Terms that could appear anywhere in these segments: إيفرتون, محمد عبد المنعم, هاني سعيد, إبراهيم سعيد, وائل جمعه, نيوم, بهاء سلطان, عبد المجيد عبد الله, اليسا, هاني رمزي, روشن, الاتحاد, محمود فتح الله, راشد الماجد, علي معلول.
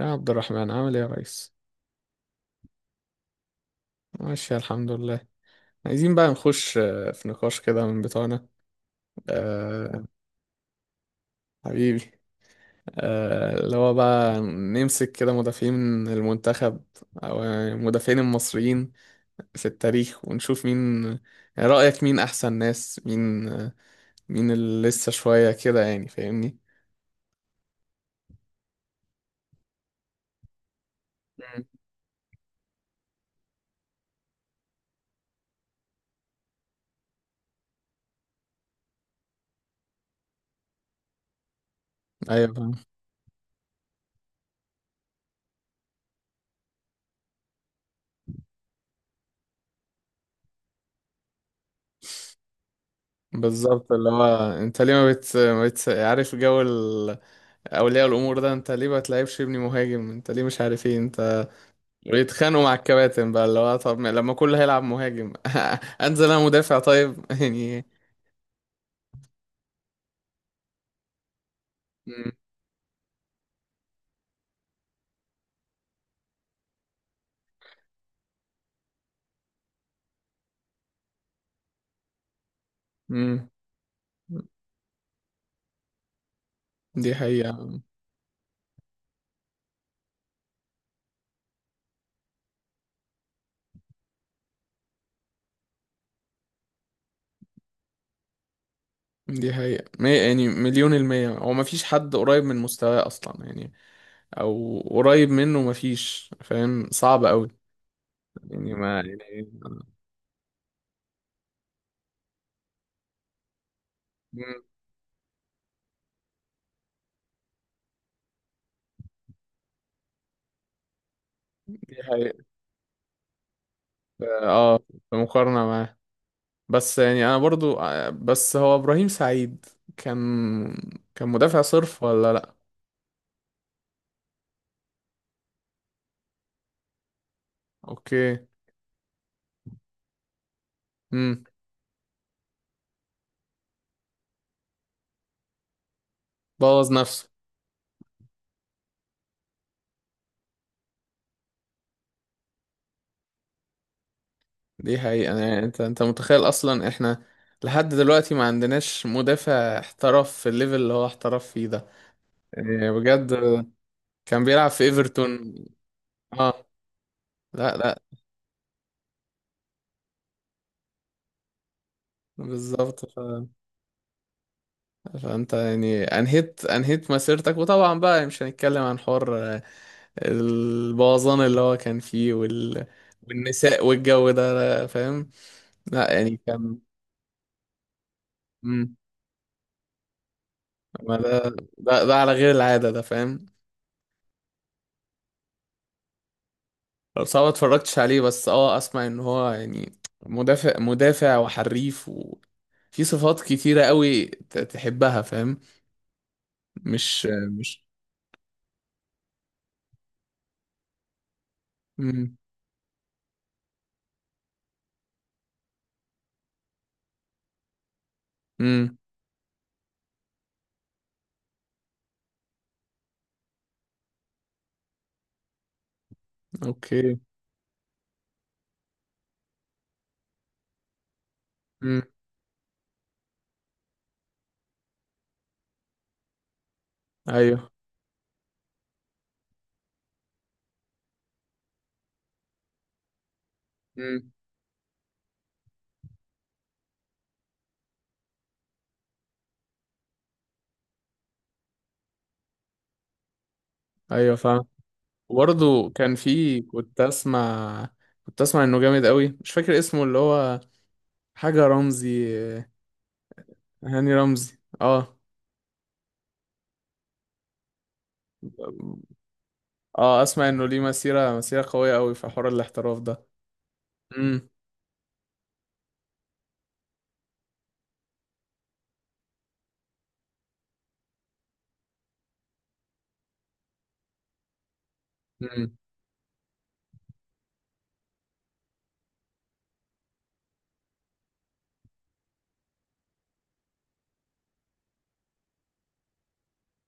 يا عبد الرحمن عامل ايه يا ريس؟ ماشي، الحمد لله. عايزين بقى نخش في نقاش كده من بتوعنا. أه. حبيبي. اللي هو بقى نمسك كده مدافعين المنتخب، أو المدافعين المصريين في التاريخ، ونشوف مين. يعني رأيك مين أحسن ناس، مين اللي لسه شوية كده، يعني فاهمني؟ مم. ايوه، فاهم. بالظبط، اللي هو انت ليه ما بت... ما بت... عارف جو اولياء الامور ده. انت ليه ما تلعبش ابني مهاجم؟ انت ليه مش عارف ايه انت؟ ويتخانقوا مع الكباتن بقى، اللي هو طب لما كله هيلعب مهاجم انزل انا مدافع طيب يعني. مم. مم. دي حقيقة. دي حقيقة يعني مليون المية، هو مفيش حد قريب من مستواه أصلا يعني. أو قريب منه مفيش، فاهم، صعب أوي. يعني ما يعني. مم. دي حقيقة. ف- اه في مقارنة معاه. بس يعني أنا برضو بس هو إبراهيم سعيد كان كان مدافع صرف ولا لأ؟ أوكي. مم. بوظ نفسه. دي حقيقة. أنا يعني أنت متخيل أصلا إحنا لحد دلوقتي ما عندناش مدافع احترف في الليفل اللي هو احترف فيه ده، يعني بجد. كان بيلعب في إيفرتون. آه، لا لا. بالظبط. فأنت يعني أنهيت مسيرتك، وطبعا بقى مش هنتكلم عن حوار البوظان اللي هو كان فيه والنساء والجو ده. لا، فاهم. لا يعني كان. مم. ما ده على غير العادة ده، فاهم. صعب اتفرجتش عليه، بس اسمع ان هو يعني مدافع مدافع وحريف، وفي صفات كتيرة قوي تحبها، فاهم. مش. مش. امم. امم. اوكي. امم. ايوه. امم. ايوه، فاهم. وبرضه كان في كنت اسمع انه جامد قوي. مش فاكر اسمه اللي هو، حاجة رمزي. هاني رمزي، اه. اه، اسمع انه ليه مسيرة، مسيرة قوية قوي في حوار الاحتراف ده. امم. امم.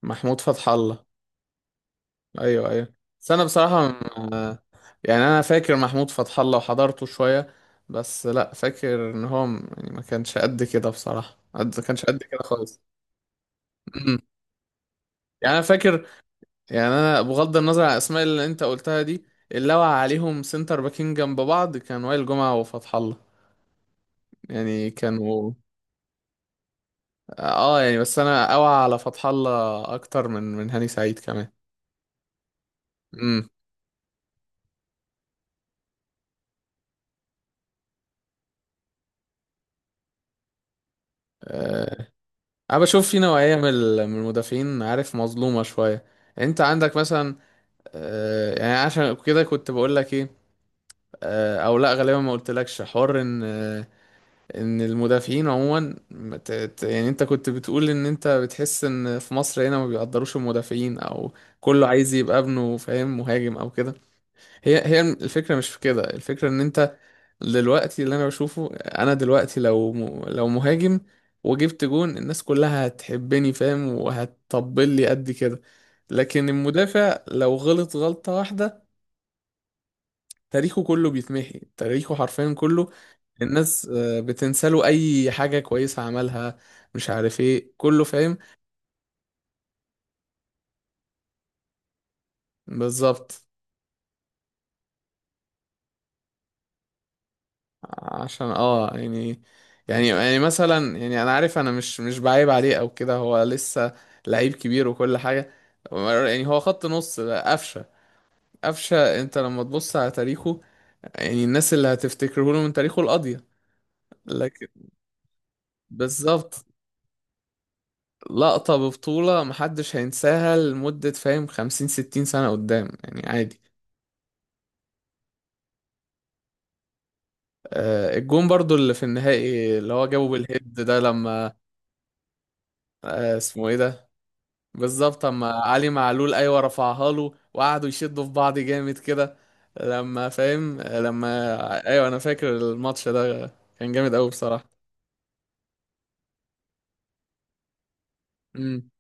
محمود فتح الله. ايوه، ايوه، بس انا بصراحه، آه، يعني انا فاكر محمود فتح الله وحضرته شويه، بس لا فاكر ان هو يعني ما كانش قد كده بصراحه، قد ما كانش قد كده خالص. أمم. يعني انا فاكر. يعني انا بغض النظر عن الاسماء اللي انت قلتها دي، اللي وقع عليهم سنتر باكين جنب بعض كان وائل جمعه وفتح الله، يعني كانوا. اه، يعني بس انا اوعى على فتح الله اكتر من هاني سعيد كمان. امم. انا بشوف في نوعيه من المدافعين، عارف، مظلومه شويه. انت عندك مثلا، يعني عشان كده كنت بقول لك ايه. او لا غالبا ما قلتلكش حوار ان المدافعين عموما ما يعني انت كنت بتقول ان انت بتحس ان في مصر هنا ما بيقدروش المدافعين، او كله عايز يبقى ابنه، فاهم، مهاجم او كده. هي هي الفكرة، مش في كده الفكرة، ان انت دلوقتي، اللي انا بشوفه انا دلوقتي، لو لو مهاجم وجبت جون، الناس كلها هتحبني، فاهم، وهتطبل لي قد كده. لكن المدافع لو غلط غلطة واحدة، تاريخه كله بيتمحي، تاريخه حرفيا كله. الناس بتنسى له اي حاجة كويسة عملها، مش عارف ايه كله، فاهم. بالظبط. عشان يعني مثلا يعني انا عارف انا مش بعيب عليه او كده، هو لسه لعيب كبير وكل حاجه. يعني هو خط نص قفشه، قفشه انت لما تبص على تاريخه. يعني الناس اللي هتفتكره له من تاريخه القاضيه. لكن بالظبط، لقطه ببطوله محدش هينساها لمده، فاهم، 50، 60 سنه قدام يعني عادي. الجون برضو اللي في النهائي اللي هو جابه بالهيد ده، لما اسمه ايه ده. بالظبط، اما علي معلول ايوه، رفعها له وقعدوا يشدوا في بعض جامد كده. لما، فاهم، لما ايوه انا فاكر الماتش ده، كان جامد قوي بصراحه. امم.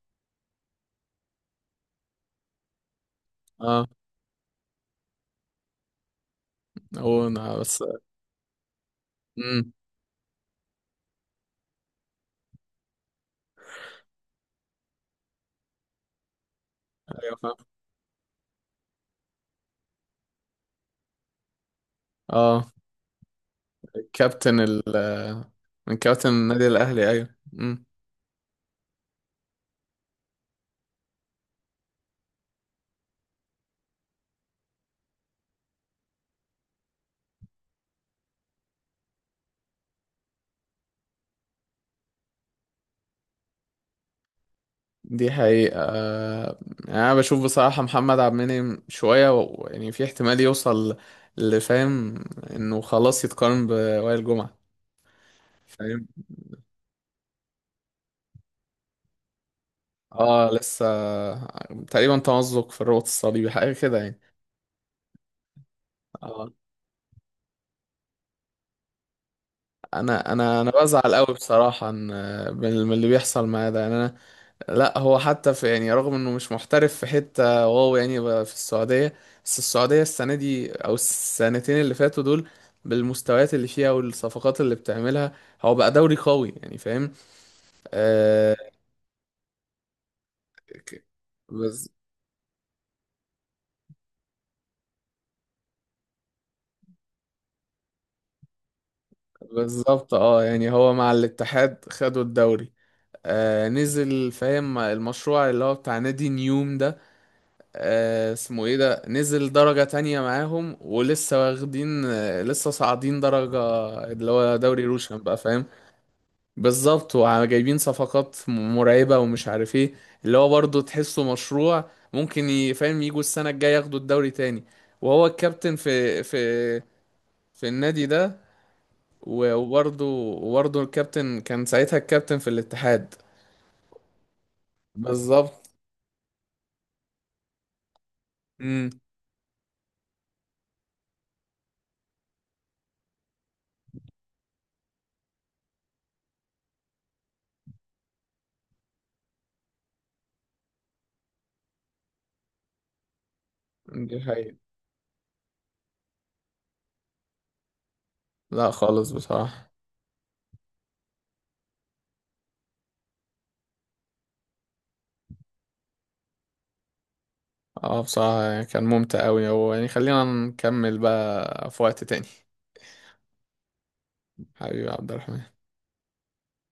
اه، هو أنا بس. امم. ايوه، فاهم. اه، كابتن من كابتن النادي الاهلي، ايوه. امم. دي حقيقه. يعني انا بشوف بصراحه محمد عبد المنعم شويه يعني في احتمال يوصل لفاهم انه خلاص يتقارن بوائل جمعه، فاهم. اه، لسه. تقريبا تمزق في الرباط الصليبي، حاجه كده يعني. اه، انا بزعل قوي بصراحه ان من اللي بيحصل معاه ده، يعني انا. لا، هو حتى في يعني، رغم انه مش محترف في حته واو، يعني بقى في السعوديه. بس السعوديه السنه دي او السنتين اللي فاتوا دول، بالمستويات اللي فيها والصفقات اللي بتعملها، هو بقى دوري قوي يعني فاهم. آه ك- بز- بالظبط. اه، يعني هو مع الاتحاد خدوا الدوري. نزل فاهم المشروع اللي هو بتاع نادي نيوم ده، اسمه ايه ده، نزل درجة تانية معاهم ولسه واخدين، لسه صاعدين درجة، اللي هو دوري روشن بقى، فاهم. بالظبط، وجايبين صفقات مرعبة ومش عارف ايه، اللي هو برضه تحسه مشروع ممكن فاهم يجوا السنة الجاية ياخدوا الدوري تاني. وهو الكابتن في النادي ده، و- وبرضه وبرضه الكابتن كان ساعتها الكابتن في الاتحاد. بالظبط. مم. دي حقيقة. لا، خالص بصراحة. اه، بصراحة يعني كان ممتع أوي، هو يعني خلينا نكمل بقى في وقت تاني. حبيبي عبد الرحمن.